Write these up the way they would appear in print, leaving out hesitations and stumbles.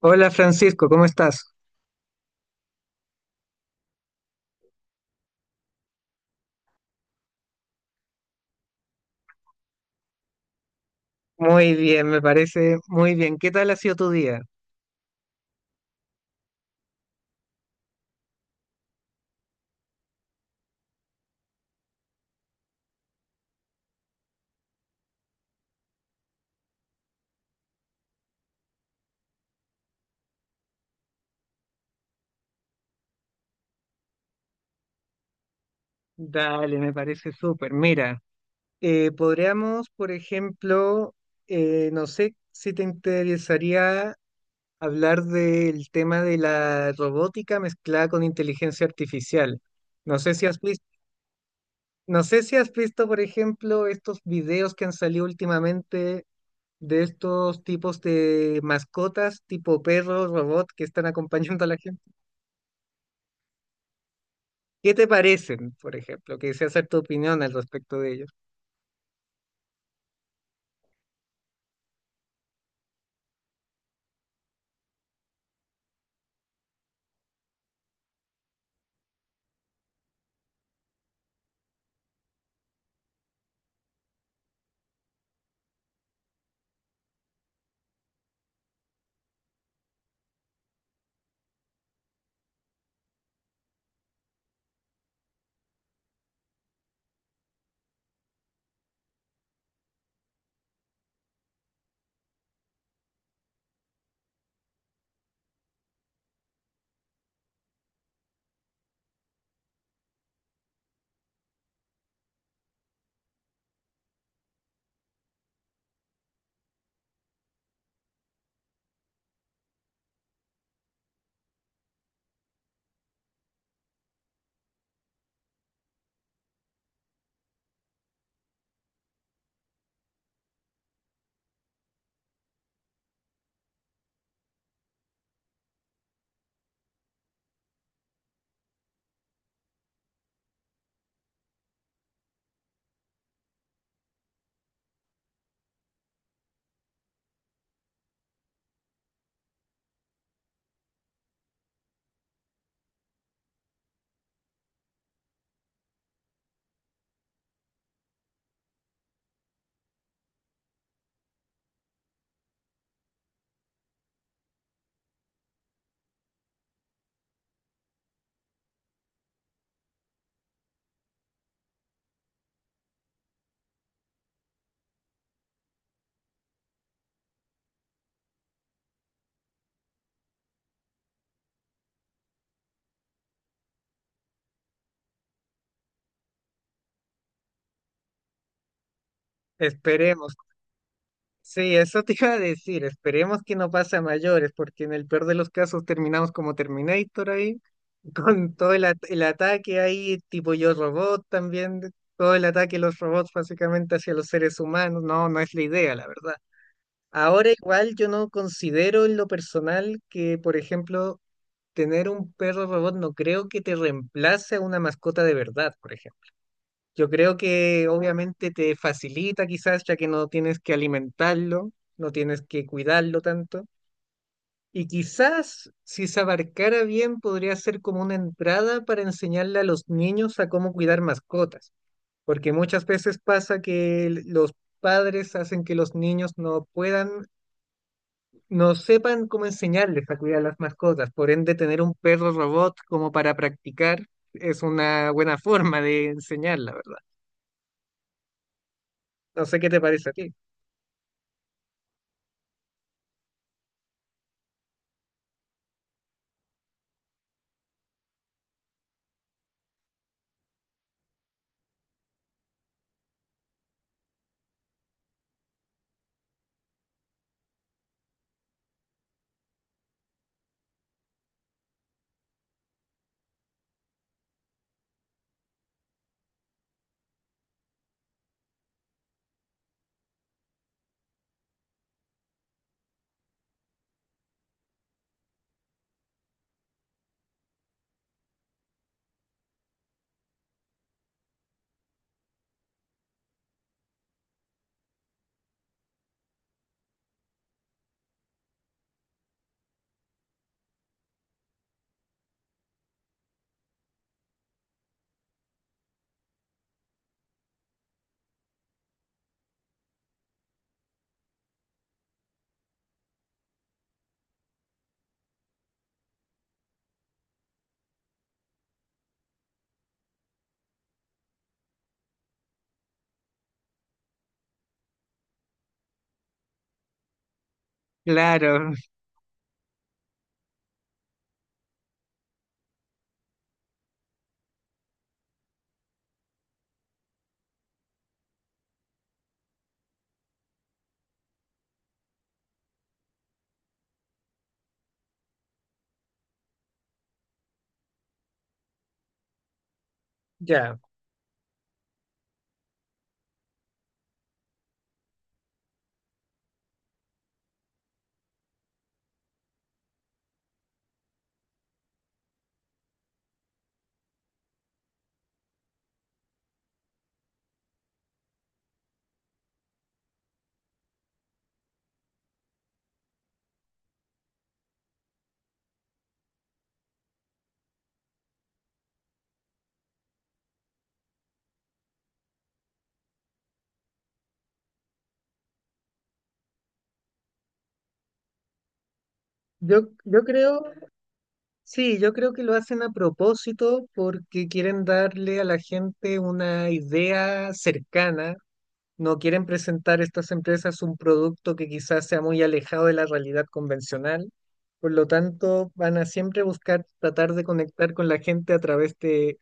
Hola Francisco, ¿cómo estás? Muy bien, me parece muy bien. ¿Qué tal ha sido tu día? Dale, me parece súper. Mira, podríamos, por ejemplo, no sé si te interesaría hablar del tema de la robótica mezclada con inteligencia artificial. No sé si has visto, no sé si has visto, por ejemplo, estos videos que han salido últimamente de estos tipos de mascotas tipo perro, robot que están acompañando a la gente. ¿Qué te parecen, por ejemplo? Quisiera hacer tu opinión al respecto de ellos. Esperemos. Sí, eso te iba a decir. Esperemos que no pase a mayores, porque en el peor de los casos terminamos como Terminator ahí, con todo el ataque ahí, tipo Yo Robot también, todo el ataque de los robots básicamente hacia los seres humanos. No, no es la idea, la verdad. Ahora igual yo no considero en lo personal que, por ejemplo, tener un perro robot no creo que te reemplace a una mascota de verdad, por ejemplo. Yo creo que obviamente te facilita quizás, ya que no tienes que alimentarlo, no tienes que cuidarlo tanto. Y quizás si se abarcara bien podría ser como una entrada para enseñarle a los niños a cómo cuidar mascotas, porque muchas veces pasa que los padres hacen que los niños no puedan, no sepan cómo enseñarles a cuidar las mascotas. Por ende, tener un perro robot como para practicar es una buena forma de enseñarla, ¿verdad? No sé qué te parece a ti. Claro, ya. Yo, yo creo, sí, yo creo que lo hacen a propósito porque quieren darle a la gente una idea cercana. No quieren presentar a estas empresas un producto que quizás sea muy alejado de la realidad convencional. Por lo tanto, van a siempre buscar tratar de conectar con la gente a través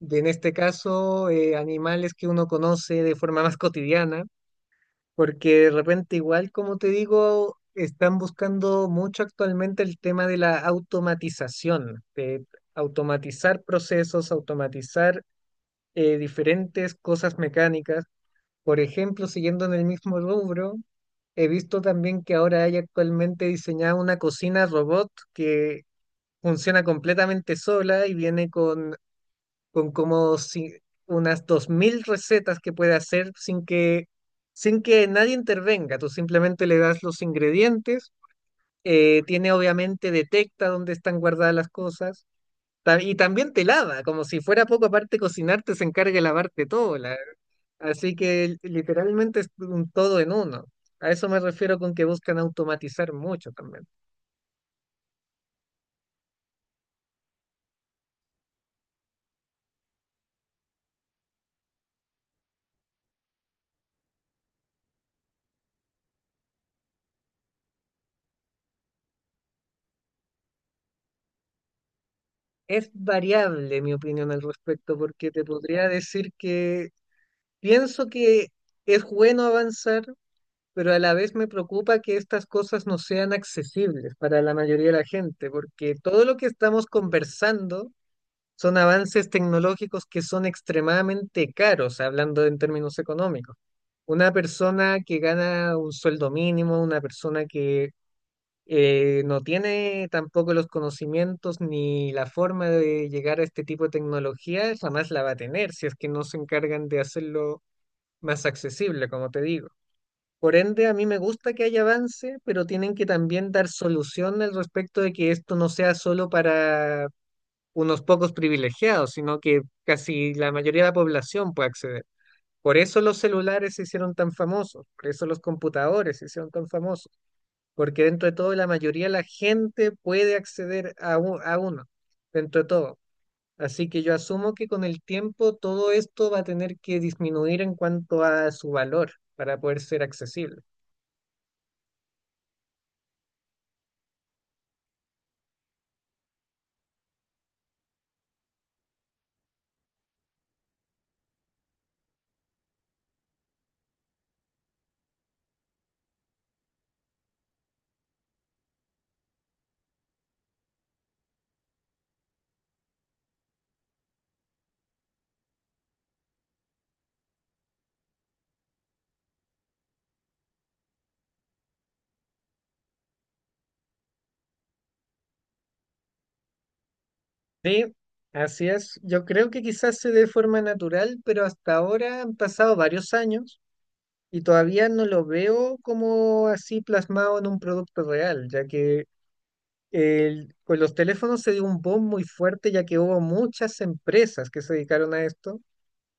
de, en este caso, animales que uno conoce de forma más cotidiana. Porque de repente igual, como te digo, están buscando mucho actualmente el tema de la automatización, de automatizar procesos, automatizar diferentes cosas mecánicas. Por ejemplo, siguiendo en el mismo rubro, he visto también que ahora hay actualmente diseñada una cocina robot que funciona completamente sola y viene con como si, unas 2.000 recetas que puede hacer sin que nadie intervenga. Tú simplemente le das los ingredientes, tiene obviamente detecta dónde están guardadas las cosas. Y también te lava, como si fuera poco, aparte de cocinarte, se encarga de lavarte todo. Así que literalmente es un todo en uno. A eso me refiero con que buscan automatizar mucho también. Es variable mi opinión al respecto, porque te podría decir que pienso que es bueno avanzar, pero a la vez me preocupa que estas cosas no sean accesibles para la mayoría de la gente, porque todo lo que estamos conversando son avances tecnológicos que son extremadamente caros, hablando en términos económicos. Una persona que gana un sueldo mínimo, una persona que no tiene tampoco los conocimientos ni la forma de llegar a este tipo de tecnología, jamás la va a tener si es que no se encargan de hacerlo más accesible, como te digo. Por ende, a mí me gusta que haya avance, pero tienen que también dar solución al respecto de que esto no sea solo para unos pocos privilegiados, sino que casi la mayoría de la población pueda acceder. Por eso los celulares se hicieron tan famosos, por eso los computadores se hicieron tan famosos, porque dentro de todo la mayoría de la gente puede acceder a, a uno, dentro de todo. Así que yo asumo que con el tiempo todo esto va a tener que disminuir en cuanto a su valor para poder ser accesible. Sí, así es. Yo creo que quizás se dé de forma natural, pero hasta ahora han pasado varios años y todavía no lo veo como así plasmado en un producto real, ya que con los teléfonos se dio un boom muy fuerte, ya que hubo muchas empresas que se dedicaron a esto.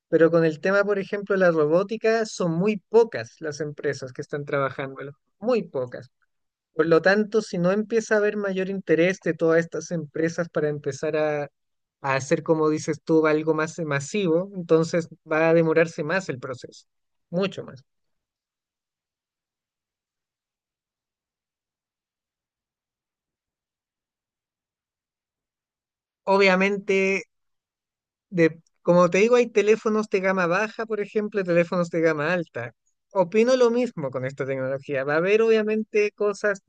Pero con el tema, por ejemplo, de la robótica, son muy pocas las empresas que están trabajándolo, muy pocas. Por lo tanto, si no empieza a haber mayor interés de todas estas empresas para empezar a hacer, como dices tú, algo más masivo, entonces va a demorarse más el proceso, mucho más. Obviamente, de, como te digo, hay teléfonos de gama baja, por ejemplo, y teléfonos de gama alta. Opino lo mismo con esta tecnología. Va a haber obviamente cosas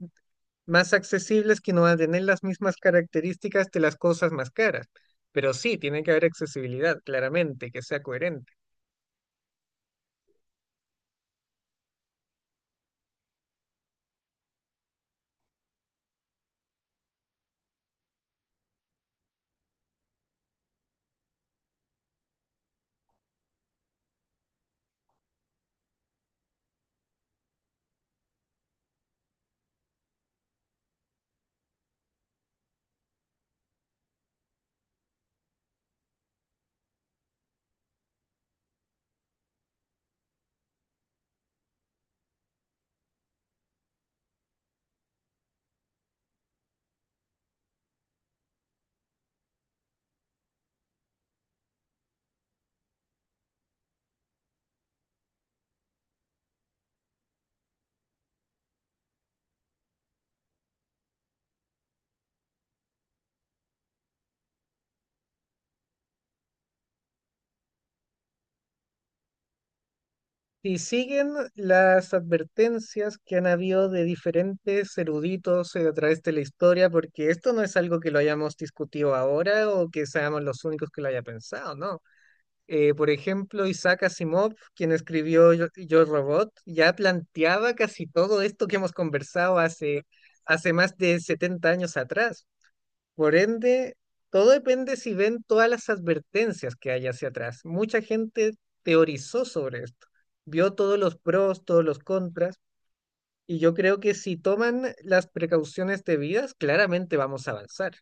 más accesibles que no van a tener las mismas características de las cosas más caras. Pero sí, tiene que haber accesibilidad, claramente, que sea coherente. Y siguen las advertencias que han habido de diferentes eruditos a través de la historia, porque esto no es algo que lo hayamos discutido ahora o que seamos los únicos que lo haya pensado, ¿no? Por ejemplo, Isaac Asimov, quien escribió Yo Robot, ya planteaba casi todo esto que hemos conversado hace más de 70 años atrás. Por ende, todo depende si ven todas las advertencias que hay hacia atrás. Mucha gente teorizó sobre esto, vio todos los pros, todos los contras, y yo creo que si toman las precauciones debidas, claramente vamos a avanzar.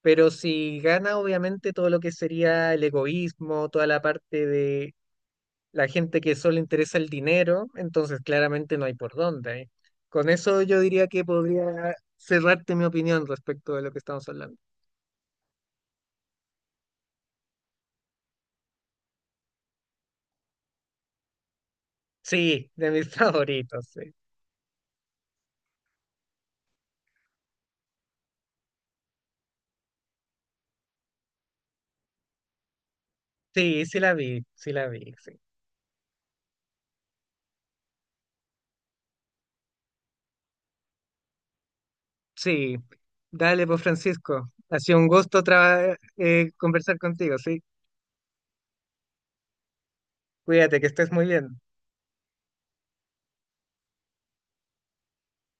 Pero si gana, obviamente, todo lo que sería el egoísmo, toda la parte de la gente que solo interesa el dinero, entonces claramente no hay por dónde, ¿eh? Con eso yo diría que podría cerrarte mi opinión respecto de lo que estamos hablando. Sí, de mis favoritos, sí. Sí, sí la vi, sí la vi, sí. Sí, dale, pues Francisco. Ha sido un gusto conversar contigo, sí. Cuídate, que estés muy bien.